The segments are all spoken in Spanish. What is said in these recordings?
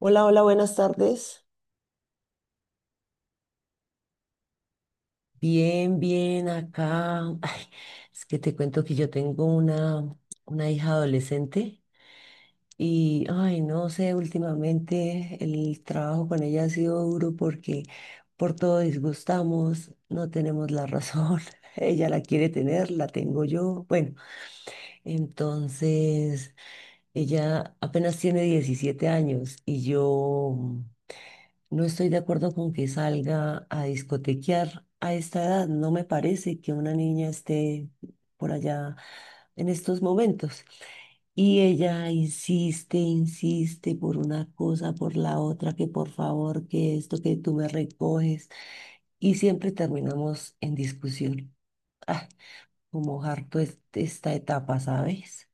Hola, hola, buenas tardes. Bien, bien, acá. Ay, es que te cuento que yo tengo una hija adolescente y, ay, no sé, últimamente el trabajo con ella ha sido duro porque por todo disgustamos, no tenemos la razón. Ella la quiere tener, la tengo yo. Bueno, entonces ella apenas tiene 17 años y yo. No estoy de acuerdo con que salga a discotequear a esta edad. No me parece que una niña esté por allá en estos momentos. Y ella insiste, insiste por una cosa, por la otra, que por favor, que esto, que tú me recoges. Y siempre terminamos en discusión. Ah, como harto esta etapa, ¿sabes?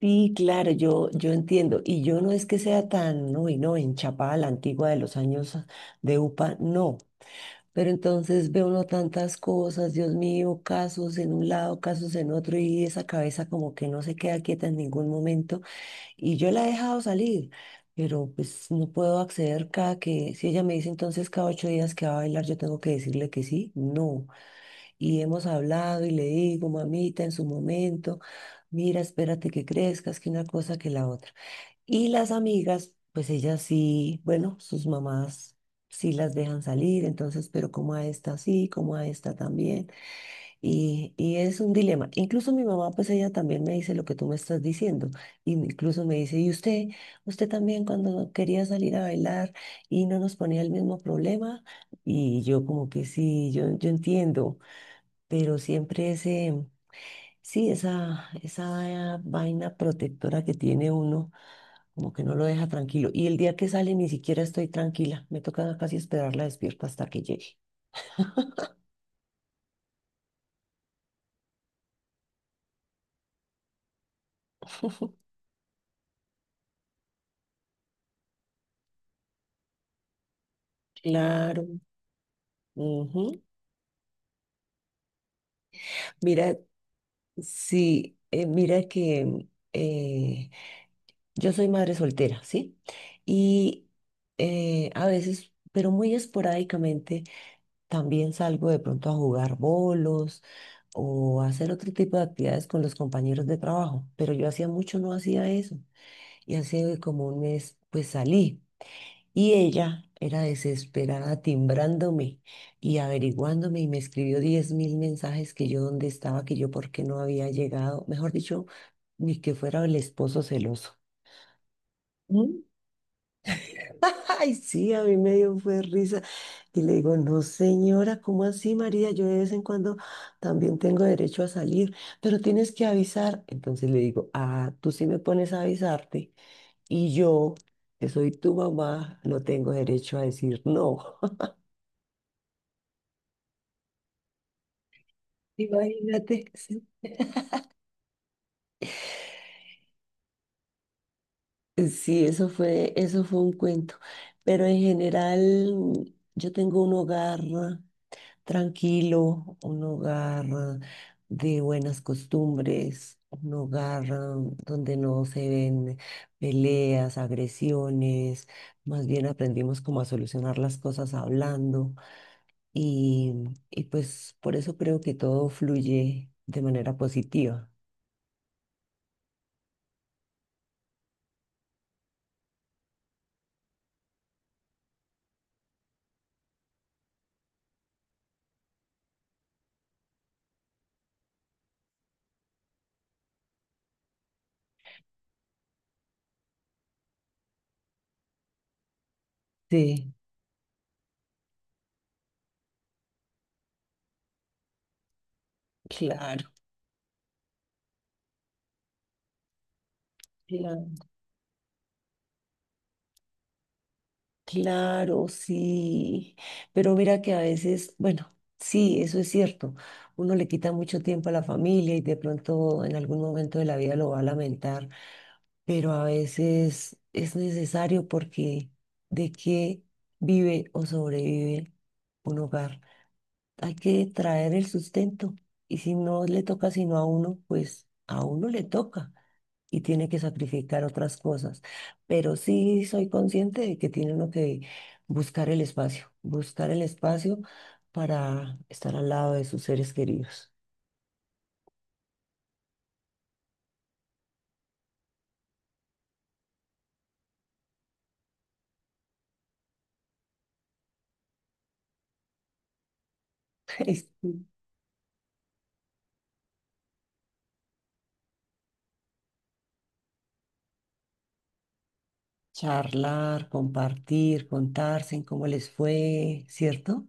Sí, claro, yo entiendo. Y yo no es que sea tan, uy, no, enchapada a la antigua de los años de UPA, no. Pero entonces ve uno tantas cosas, Dios mío, casos en un lado, casos en otro, y esa cabeza como que no se queda quieta en ningún momento. Y yo la he dejado salir, pero pues no puedo acceder cada que, si ella me dice entonces cada 8 días que va a bailar, yo tengo que decirle que sí, no. Y hemos hablado y le digo, mamita, en su momento, mira, espérate que crezcas, que una cosa, que la otra. Y las amigas, pues ellas sí, bueno, sus mamás sí las dejan salir, entonces, pero como a esta sí, como a esta también. Y es un dilema. Incluso mi mamá, pues ella también me dice lo que tú me estás diciendo. Y incluso me dice, ¿y usted también cuando quería salir a bailar y no nos ponía el mismo problema? Y yo como que sí, yo entiendo, pero siempre ese, sí, esa vaina protectora que tiene uno, como que no lo deja tranquilo. Y el día que sale ni siquiera estoy tranquila, me toca casi esperarla despierta hasta que llegue. Claro. Ujú. Mira, sí, mira que eh, yo soy madre soltera, ¿sí? Y a veces, pero muy esporádicamente. También salgo de pronto a jugar bolos o a hacer otro tipo de actividades con los compañeros de trabajo, pero yo hacía mucho no hacía eso. Y hace como un mes pues salí y ella era desesperada timbrándome y averiguándome y me escribió 10,000 mensajes que yo dónde estaba, que yo por qué no había llegado, mejor dicho, ni que fuera el esposo celoso. Ay, sí, a mí me dio fue risa. Y le digo, no, señora, ¿cómo así, María? Yo de vez en cuando también tengo derecho a salir, pero tienes que avisar. Entonces le digo, ah, tú sí me pones a avisarte y yo, que soy tu mamá, no tengo derecho a decir no. Imagínate. Sí. Sí, eso fue un cuento. Pero en general, yo tengo un hogar. ¿No? Tranquilo, un hogar, de buenas costumbres, un hogar, donde no se ven peleas, agresiones, más bien aprendimos como a solucionar las cosas hablando y, y pues por eso creo que todo fluye de manera positiva. Sí, claro. Claro. Claro, sí, pero mira que a veces, bueno, sí, eso es cierto, uno le quita mucho tiempo a la familia y de pronto en algún momento de la vida lo va a lamentar, pero a veces es necesario porque de qué vive o sobrevive un hogar, hay que traer el sustento. Y si no le toca sino a uno, pues a uno le toca y tiene que sacrificar otras cosas. Pero sí soy consciente de que tiene uno que buscar el espacio para estar al lado de sus seres queridos. Es. Charlar, compartir, contarse en cómo les fue, ¿cierto?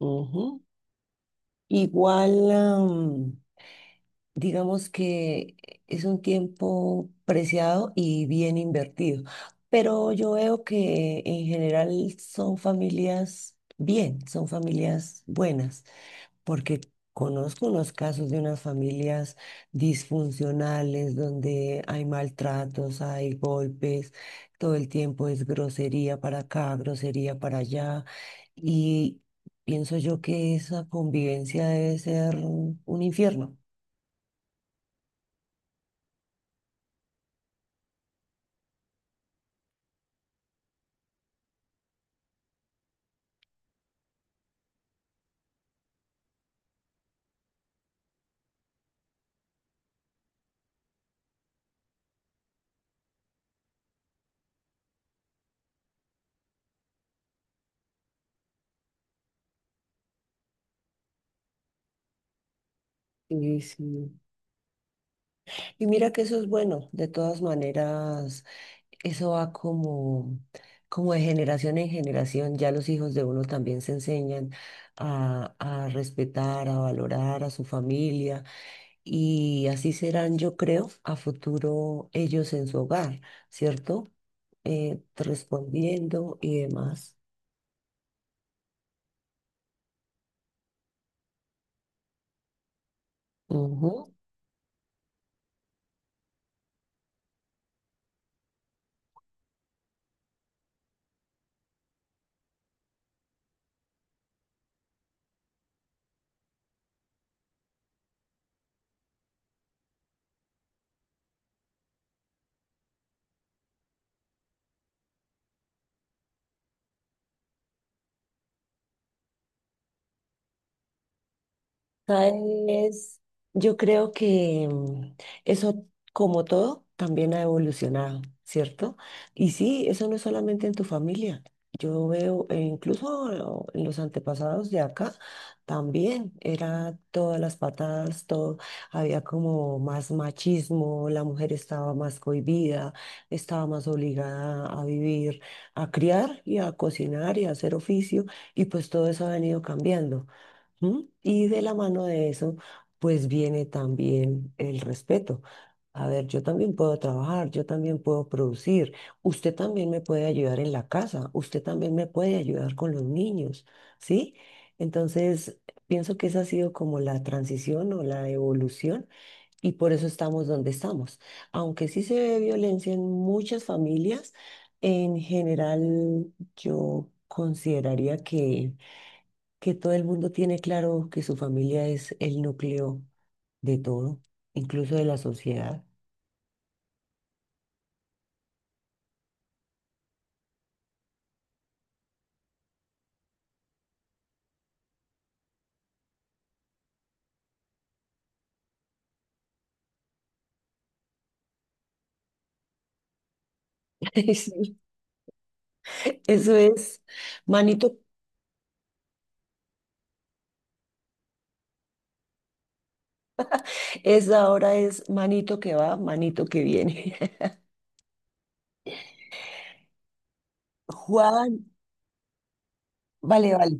Ujú. Igual, digamos que es un tiempo preciado y bien invertido. Pero yo veo que en general son familias bien, son familias buenas, porque conozco unos casos de unas familias disfuncionales donde hay maltratos, hay golpes, todo el tiempo es grosería para acá, grosería para allá, y pienso yo que esa convivencia debe ser un infierno. Sí, sí. Y mira que eso es bueno, de todas maneras, eso va como, como de generación en generación, ya los hijos de uno también se enseñan a respetar, a valorar a su familia y así serán, yo creo, a futuro ellos en su hogar, ¿cierto? Respondiendo y demás. Sabes, yo creo que eso, como todo, también ha evolucionado, ¿cierto? Y sí, eso no es solamente en tu familia. Yo veo, incluso en los antepasados de acá, también era todas las patadas, todo, había como más machismo, la mujer estaba más cohibida, estaba más obligada a vivir, a criar y a cocinar y a hacer oficio, y pues todo eso ha venido cambiando. ¿Mm? Y de la mano de eso, pues viene también el respeto. A ver, yo también puedo trabajar, yo también puedo producir, usted también me puede ayudar en la casa, usted también me puede ayudar con los niños, ¿sí? Entonces, pienso que esa ha sido como la transición o la evolución y por eso estamos donde estamos. Aunque sí se ve violencia en muchas familias, en general yo consideraría que todo el mundo tiene claro que su familia es el núcleo de todo, incluso de la sociedad. Sí. Eso es, manito, es ahora es manito que va, manito que viene. Juan, vale, vale,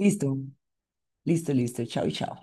listo, listo, listo, chao, chao.